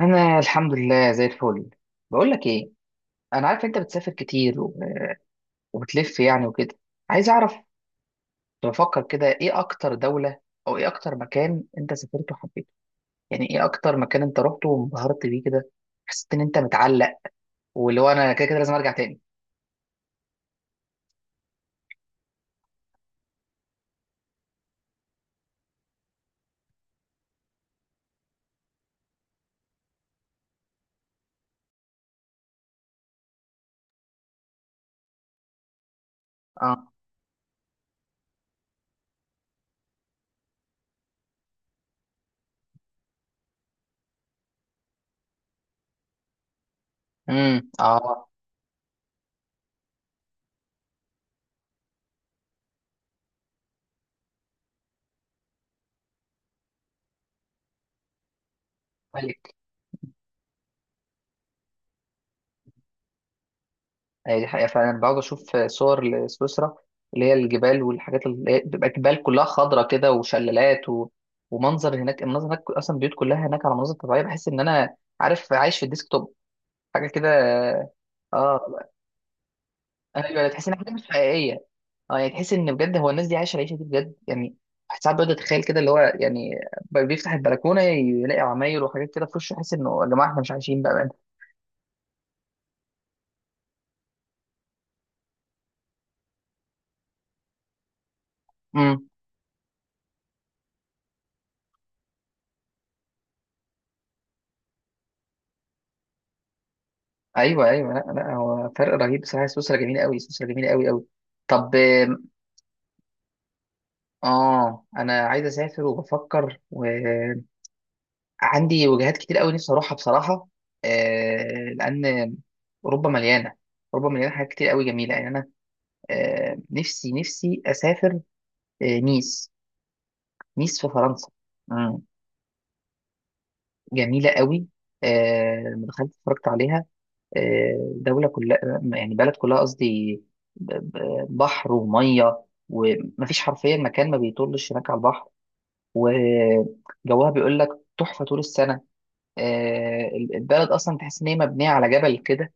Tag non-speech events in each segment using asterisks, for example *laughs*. انا الحمد لله زي الفل. بقول لك ايه، انا عارف انت بتسافر كتير وبتلف يعني وكده. عايز اعرف، بفكر كده ايه اكتر دولة او ايه اكتر مكان انت سافرته وحبيته، يعني ايه اكتر مكان انت رحته وانبهرت بيه كده، حسيت ان انت متعلق واللي هو انا كده كده لازم ارجع تاني. اه. امم. اه. طيب. هي دي حقيقة فعلا، بقعد أشوف صور لسويسرا اللي هي الجبال والحاجات اللي هي بتبقى جبال كلها خضرة كده وشلالات ومنظر هناك المنظر هناك أصلا البيوت كلها هناك على مناظر طبيعية، بحس إن أنا عارف عايش في الديسكتوب، حاجة كده. اه، ايوه تحس ان حاجه مش حقيقيه. اه يعني تحس ان بجد هو الناس دي عايشه العيشه دي بجد يعني. واحد ساعات بيقعد يتخيل كده اللي هو يعني بيفتح البلكونه يلاقي عماير وحاجات كده في وشه، يحس انه يا جماعه احنا مش عايشين بقى. امم. ايوه، ايوه، لا لا، هو فرق رهيب بصراحه. سويسرا جميله قوي، سويسرا جميله قوي قوي. طب اه انا عايز اسافر وبفكر، وعندي وجهات كتير قوي نفسي اروحها بصراحه. لان اوروبا مليانه، اوروبا مليانه حاجات كتير قوي جميله يعني. انا نفسي اسافر. نيس. نيس في فرنسا. مم. جميله قوي. لما دخلت اتفرجت عليها. دولة كلها، يعني بلد كلها قصدي، ب- بحر ومية، ومفيش حرفيا مكان ما بيطلش هناك على البحر. آه، جوها بيقول لك تحفة طول السنة. البلد أصلا تحس إن هي مبنية على جبل كده،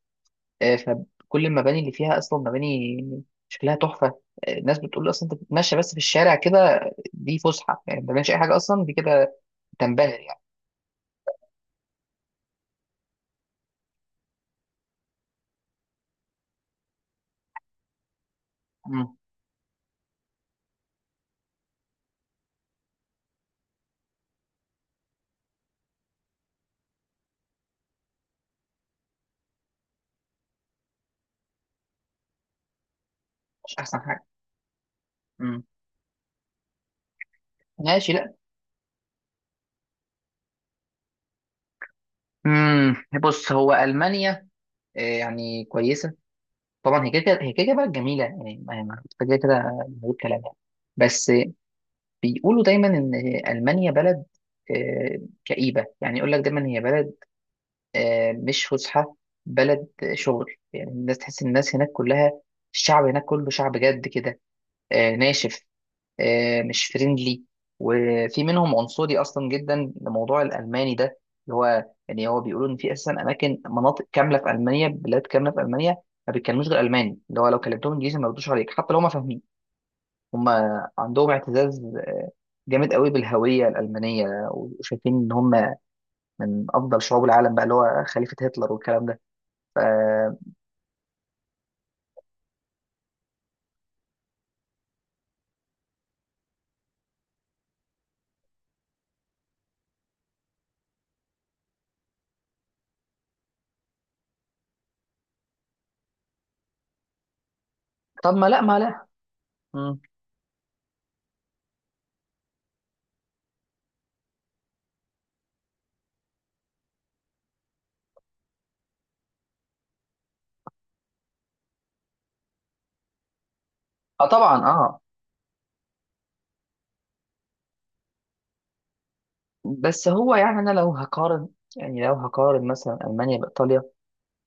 فكل المباني اللي فيها أصلا مباني شكلها تحفة. الناس بتقول أصلا أنت بتتمشى بس في الشارع كده دي فسحة، يعني ما بتعملش أي حاجة أصلا دي كده تنبهر يعني. مم. مش أحسن حاجة. مم. ماشي. لأ. مم. بص هو ألمانيا يعني كويسة، طبعا هي كده كده بلد جميله يعني، كده كده من غير كلام يعني. بس بيقولوا دايما ان المانيا بلد آه، كئيبه، يعني يقول لك دايما هي بلد مش فسحه، بلد شغل. يعني الناس تحس ان الناس هناك كلها الشعب هناك كله شعب جد كده، ناشف، مش فريندلي. وفي منهم عنصري اصلا جدا لموضوع الالماني ده، اللي هو يعني هو بيقولوا ان في اساسا اماكن، مناطق كامله في المانيا، بلاد كامله في المانيا ما بيتكلموش غير الماني، اللي هو لو كلمتهم انجليزي ما يردوش عليك حتى لو ما فاهمين. هم عندهم اعتزاز جامد قوي بالهويه الالمانيه، وشايفين ان هم من افضل شعوب العالم بقى، اللي هو خليفه هتلر والكلام ده. ف طب ما لا، ما لا. مم. اه طبعا اه. بس هو يعني انا لو هقارن، يعني لو هقارن مثلا المانيا بايطاليا،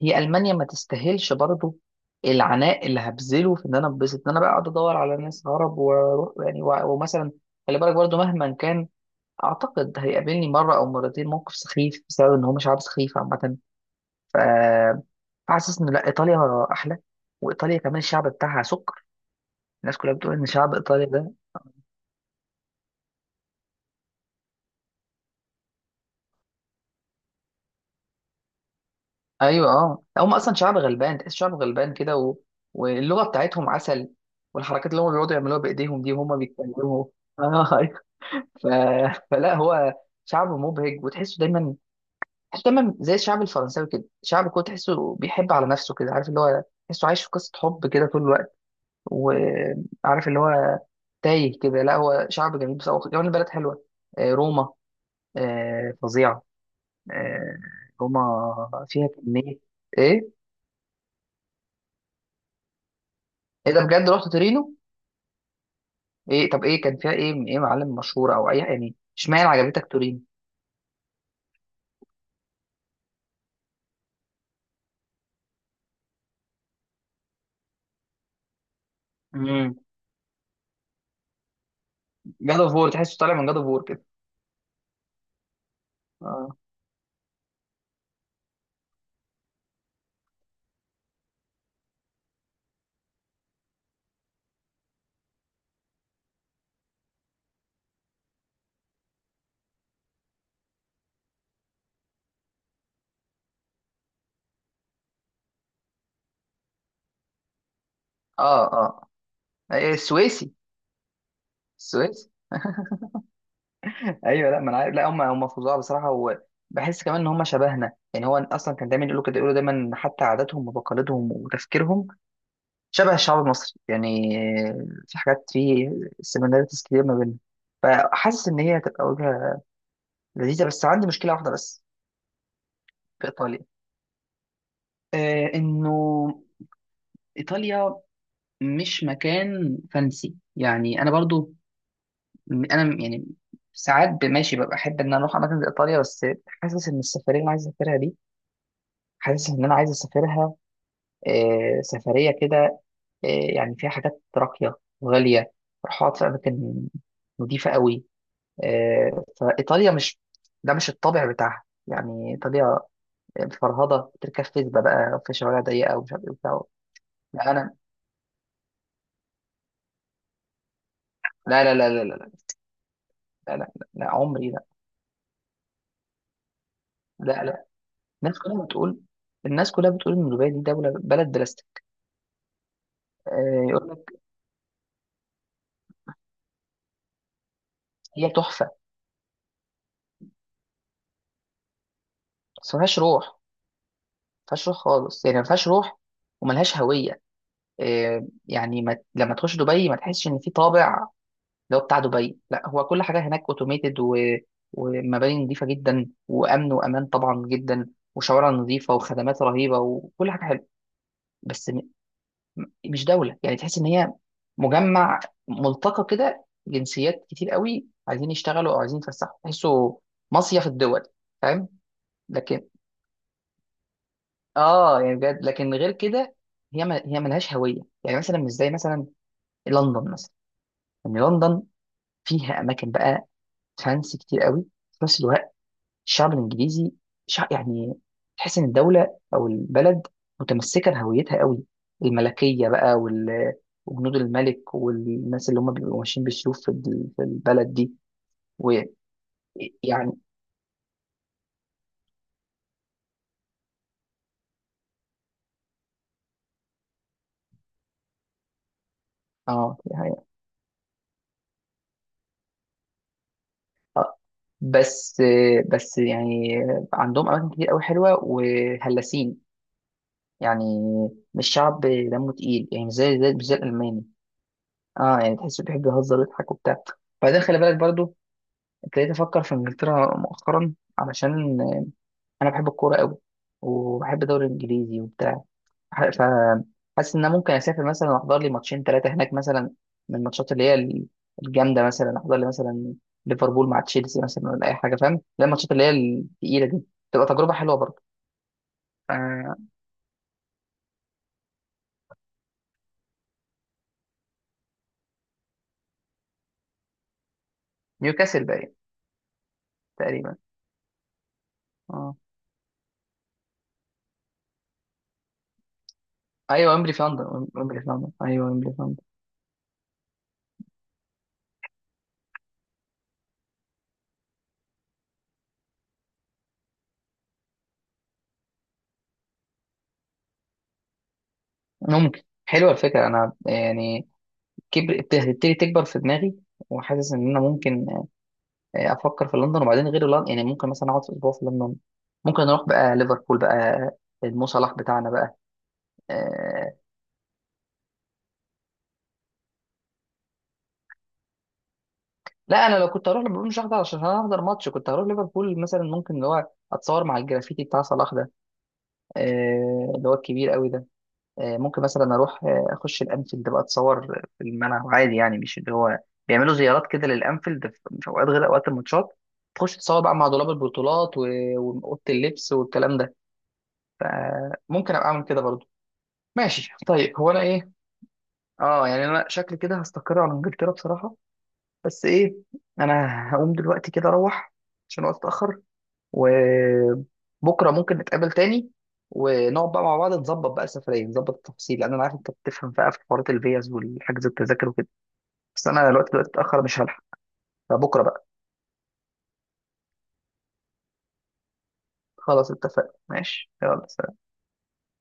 هي المانيا ما تستاهلش برضو العناء اللي هبذله في ان انا انبسط، ان انا بقى اقعد ادور على ناس عرب واروح يعني ومثلا خلي بالك برضو مهما كان اعتقد هيقابلني مره او مرتين موقف سخيف بسبب ان هم شعب سخيف عامه. ف- فحاسس ان لا، ايطاليا احلى. وايطاليا كمان الشعب بتاعها سكر، الناس كلها بتقول ان شعب ايطاليا ده. ايوه، اه هم اصلا شعب غلبان، تحس شعب غلبان كده واللغه بتاعتهم عسل، والحركات اللي هم بيقعدوا يعملوها بايديهم دي وهم بيتكلموا. *laughs* ف... فلا هو شعب مبهج، وتحسه دايما، تحسه دايما زي الشعب الفرنساوي كده. شعب كده تحسه بيحب على نفسه كده، عارف اللي هو تحسه عايش في قصة حب كده طول الوقت، وعارف اللي هو تايه كده. لا هو شعب جميل بس هو كمان البلد حلوة. روما فظيعة. آه، روما فيها كمية. ايه؟ ايه ده، بجد رحت تورينو؟ ايه طب ايه كان فيها، ايه ايه معالم مشهورة او اي يعني، اشمعنى عجبتك تورينو؟ امم. جاد اوف وور، تحسه طالع من جاد اوف وور كده. اه. اه. اه. إيه، السويسي. السويسي. ايوه، لا ما انا عارف. لا هم فظاع بصراحه، وبحس كمان ان هم شبهنا. يعني هو اصلا كان دايما يقولوا دايما حتى عاداتهم وتقاليدهم وتفكيرهم شبه الشعب المصري يعني. في حاجات، سيميلاريتيز كتير ما بيننا. فحاسس ان هي هتبقى وجهه لذيذه، بس عندي مشكله واحده بس في ايطاليا. آه انه ايطاليا مش مكان فانسي يعني. انا برضو انا يعني ساعات ماشي ببقى احب ان انا اروح اماكن زي ايطاليا، بس حاسس ان السفريه اللي انا عايز اسافرها دي، حاسس ان انا عايز اسافرها سفريه كده آه، يعني فيها حاجات راقيه وغاليه، اروح اقعد في اماكن نضيفه قوي. فايطاليا مش، ده مش الطابع بتاعها يعني. ايطاليا فرهضه، بتركب فيسبا بقى في شوارع ضيقه ومش عارف ايه وبتاع. لا انا، لا لا لا لا لا. لا لا, لا عمري. لا لا لا. الناس كلها بتقول، الناس كلها بتقول ان دبي دي دوله، بلد بلا يقول لك. هي تحفه، بس ما فيهاش روح، ما فيهاش روح خالص، يعني ما فيهاش روح وملهاش هويه. يعني ما لما تخش دبي ما تحسش ان في طابع اللي هو بتاع دبي. لا، هو كل حاجه هناك اوتوميتد ومباني نظيفه جدا، وامن وامان طبعا جدا، وشوارع نظيفه، وخدمات رهيبه، وكل حاجه حلوه، بس مش دوله. يعني تحس ان هي مجمع، ملتقى كده جنسيات كتير قوي عايزين يشتغلوا او عايزين يتفسحوا، تحسه مصيف الدول، فاهم؟ لكن اه يعني بجد، لكن غير كده هي ما هي ملهاش هويه. يعني مثلا مش زي مثلا لندن مثلا، ان لندن فيها اماكن بقى فانسي كتير قوي، في نفس الوقت الشعب الانجليزي شعب يعني، تحس ان الدوله او البلد متمسكه بهويتها قوي، الملكيه بقى وجنود الملك والناس اللي هم بيبقوا ماشيين بالسيوف في البلد دي، ويعني اه يعني آه، بس، بس يعني عندهم اماكن كتير قوي حلوه وهلاسين يعني. مش شعب دمه تقيل، يعني مش زي الالماني. اه يعني تحس بيحب يهزر ويضحك وبتاع. بعدين خلي بالك برضو، ابتديت افكر في انجلترا مؤخرا علشان انا بحب الكوره قوي، وبحب الدوري الانجليزي وبتاع، فحاسس ان انا ممكن اسافر مثلا واحضر لي ماتشين ثلاثه هناك مثلا، من الماتشات اللي هي الجامده مثلا، احضر لي مثلا ليفربول مع تشيلسي مثلا، ولا اي حاجه، فاهم؟ لا، الماتشات اللي هي الثقيله دي تبقى تجربه حلوه برضه. آه نيوكاسل باين تقريبا. اه. ايوه، ويمبلي فاندر، ويمبلي فاندر، ايوه ويمبلي فاندر. ممكن، حلوه الفكره انا يعني كبر، بتبتدي تكبر في دماغي، وحاسس ان انا ممكن افكر في لندن، وبعدين غير لندن يعني ممكن مثلا اقعد في اسبوع في لندن، ممكن اروح بقى ليفربول بقى، المو صلاح بتاعنا بقى. آه، لا انا لو كنت هروح ليفربول مش هحضر عشان هحضر ماتش، كنت هروح ليفربول مثلا ممكن اللي هو اتصور مع الجرافيتي بتاع صلاح ده اللي هو الكبير قوي ده. ممكن مثلا اروح اخش الانفيلد بقى، اتصور في الملعب عادي، يعني مش اللي هو بيعملوا زيارات كده للانفيلد في اوقات غير اوقات الماتشات، تخش تتصور بقى مع دولاب البطولات واوضه اللبس والكلام ده. فممكن ابقى اعمل كده برضو. ماشي طيب، هو انا ايه، اه يعني انا شكلي كده هستقر على انجلترا بصراحه. بس ايه، انا هقوم دلوقتي كده اروح عشان وقت اتاخر، وبكره ممكن نتقابل تاني ونقعد بقى مع بعض نظبط بقى السفريه، نظبط التفاصيل، لان انا عارف انت بتفهم بقى في حوارات الفيز والحجز التذاكر وكده. بس انا الوقت دلوقتي اتاخر، مش هلحق. فبكره بقى، خلاص اتفقنا، ماشي، يلا سلام.